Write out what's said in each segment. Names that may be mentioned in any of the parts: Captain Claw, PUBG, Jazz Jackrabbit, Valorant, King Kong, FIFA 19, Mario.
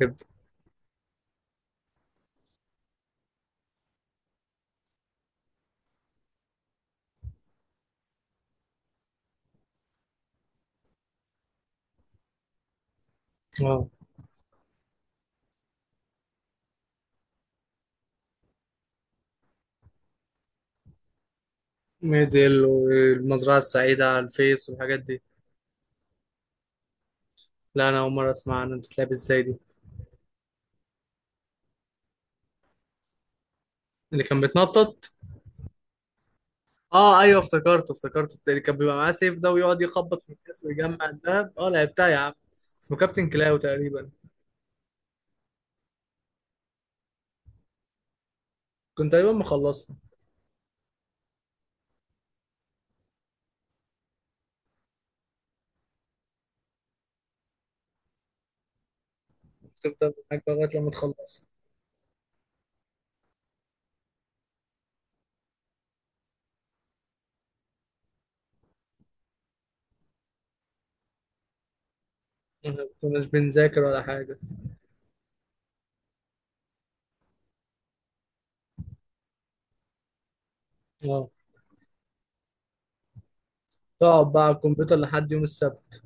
تبدأ. اه ميدل والمزرعة السعيدة على الفيس والحاجات دي. لا، أنا أول مرة أسمع عنها، بتتلعب إزاي دي؟ اللي كان بيتنطط. اه ايوه، افتكرته اللي كان بيبقى معاه سيف ده ويقعد يخبط في الكاس ويجمع الدهب، اه لعبتها يا عم. اسمه كابتن كلاو تقريبا. كنت تقريبا مخلصها. تفضل معاك بقى لغاية لما تخلصها. ما كناش بنذاكر ولا حاجة. اه. تقعد بقى على الكمبيوتر لحد يوم السبت.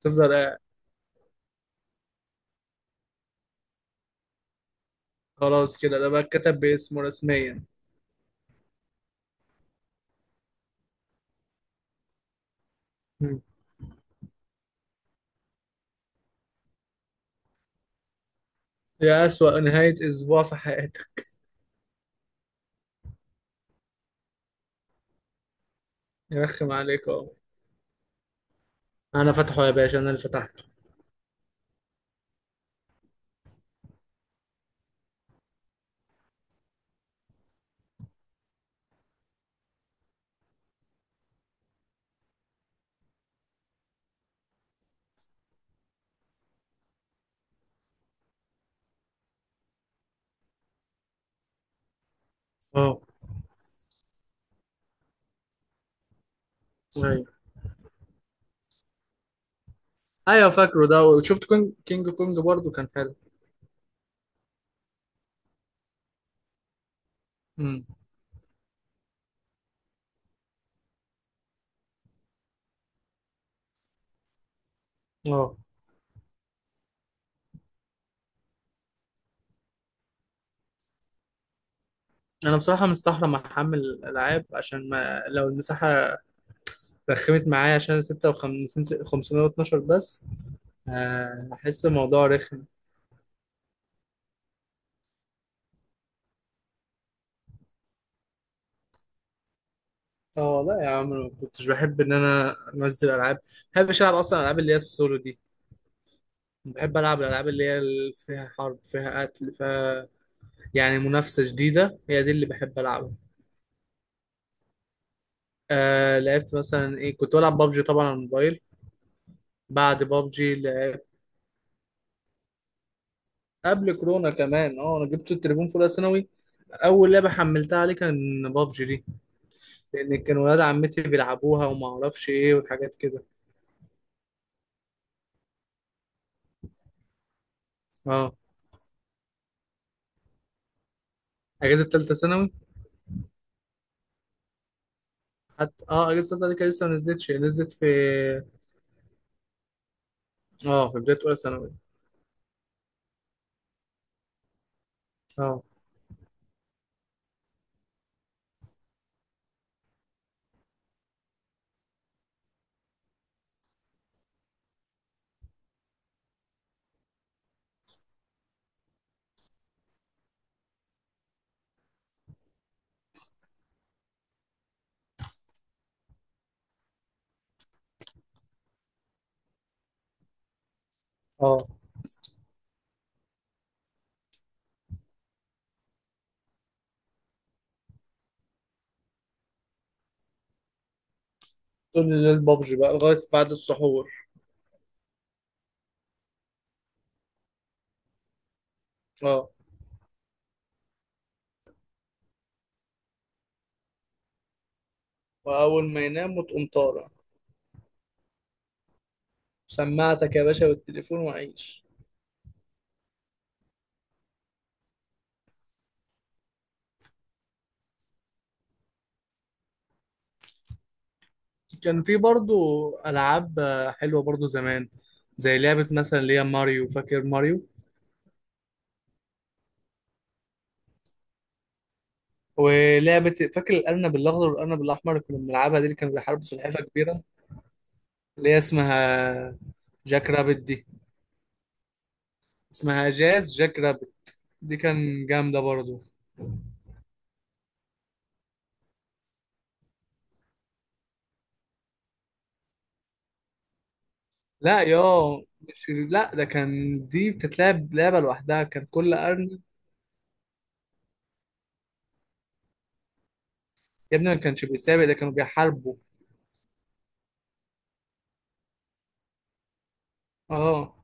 تفضل قاعد. خلاص كده ده بقى اتكتب باسمه رسميا. مم. يا أسوأ نهاية أسبوع في حياتك. يرخم عليك، اه. انا فتحه يا باشا، انا اللي فتحته. اه ايوه ايوه، فاكره ده، وشفت كونج كينج كونج برضو كان حلو. امم. اه انا بصراحه مستحرم احمل الالعاب عشان ما لو المساحه رخمت معايا عشان 56 512 بس. احس الموضوع رخم. اه لا يا عم، أنا ما كنتش بحب ان انا انزل العاب. ما بحبش العب اصلا الالعاب اللي هي السولو دي. بحب العب الالعاب اللي هي اللي فيها حرب، فيها قتل، فيها يعني منافسه جديده، هي دي اللي بحب العبها. لعبت مثلا ايه؟ كنت بلعب بابجي طبعا على الموبايل. بعد بابجي لعبت. قبل كورونا كمان. اه انا جبت التليفون في اولى ثانوي. اول لعبه حملتها عليه كان بابجي دي. لان كان ولاد عمتي بيلعبوها وما اعرفش ايه والحاجات كده. اه اجازه ثالثه ثانوي. حتى اه اجازه ثالثه ثانوي كان لسه ما نزلتش، هي نزلت في. اه في بدايه اولى ثانوي. اه. اه طول الليل بابجي بقى لغايه بعد السحور. اه واول ما ينام وتقوم طالع. سماعتك يا باشا والتليفون وعيش. كان في برضو ألعاب حلوة برضو زمان. زي لعبة مثلا اللي هي ماريو، فاكر ماريو؟ ولعبة فاكر الأرنب الأخضر والأرنب الأحمر اللي كنا بنلعبها دي، اللي كانوا بيحاربوا سلحفاة كبيرة. اللي هي اسمها جاك رابت دي. اسمها جاز جاك رابت. دي كان جامدة برضو. لا يا، مش لا، ده كان دي بتتلعب لعبة لوحدها، كان كل أرنب. يا ابني ما كانش بيسابق، ده كانوا بيحاربوا. اه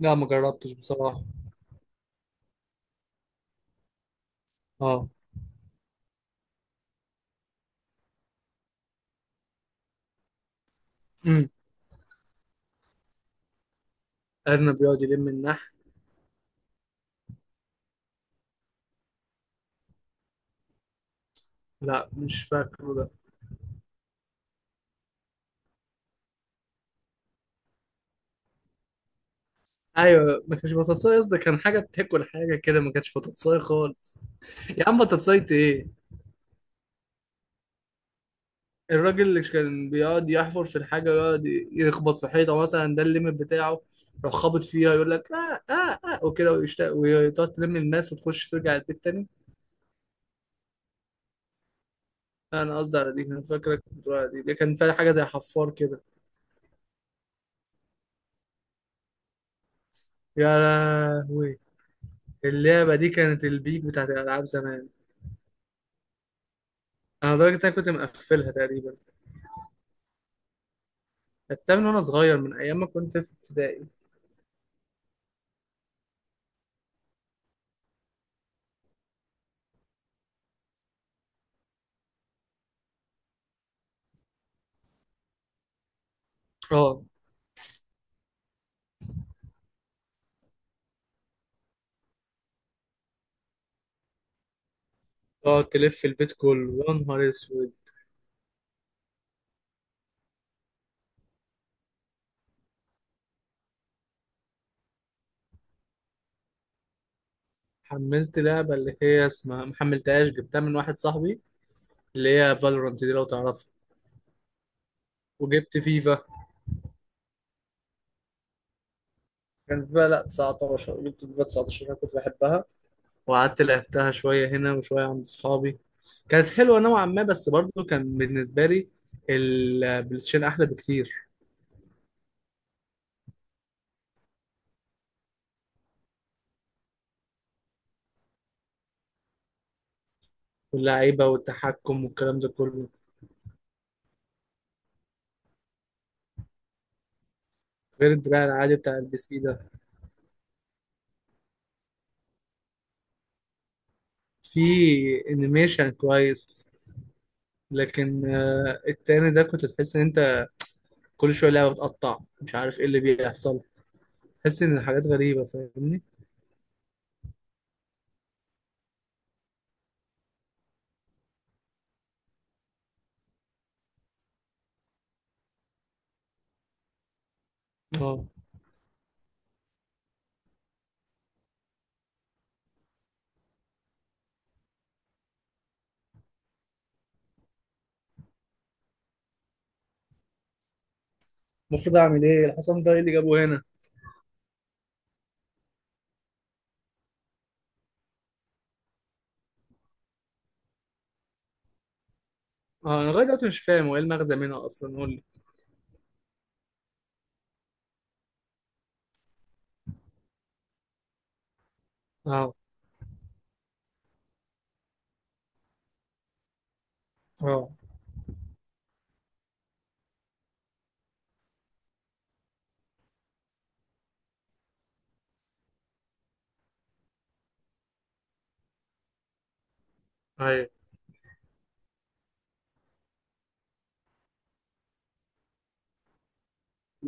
لا ما جربتش بصراحة. اه. امم. أرنب بيقعد يلم النحل. لا مش فاكره ده. ايوه ما كانش بطاطساي، قصدي كان حاجه بتاكل حاجه كده، ما كانش بطاطساي خالص. يا عم بطاطساي ايه؟ الراجل اللي كان بيقعد يحفر في الحاجه ويقعد يخبط في حيطه مثلا، ده الليمت بتاعه. يروح خابط فيها يقول لك اه اه اه وكده ويشتاق، وتقعد تلم الماس وتخش ترجع البيت تاني. لا، انا قصدي على دي، انا فاكرك بتقول على دي، دي كان فيها حاجه زي حفار كده. يا لهوي. اللعبه دي كانت البيك بتاعت الالعاب زمان. انا لدرجه إن انا كنت مقفلها تقريبا. لعبتها من وانا صغير، من ايام ما كنت في ابتدائي. اه تقعد تلف البيت كله، يا نهار اسود. حملت لعبة اللي هي اسمها، محملتهاش، جبتها من واحد صاحبي. اللي هي فالورانت دي لو تعرفها. وجبت فيفا. كان فيها لا 19، جبت فيفا 19 انا كنت بحبها. وقعدت لعبتها شوية هنا وشوية عند صحابي. كانت حلوة نوعا ما، بس برضو كان بالنسبة لي البلايستيشن أحلى بكتير. واللعيبة والتحكم والكلام ده كله. غير الدراع العادي بتاع البي سي ده. في انيميشن كويس. لكن التاني ده كنت تحس ان انت كل شويه لعبه بتقطع، مش عارف ايه اللي بيحصل. تحس ان الحاجات غريبه، فاهمني؟ اه. المفروض اعمل ايه، الحصان ده ايه اللي جابه هنا؟ اه انا لغايه دلوقتي مش فاهم هو ايه المغزى منها اصلا، قول لي. اه. اه ايوه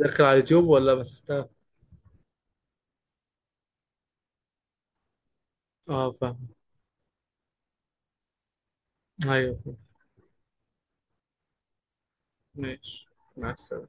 داخل على اليوتيوب ولا مسحتها؟ اه فاهم. ايوه فاهم. ماشي. مع السلامه.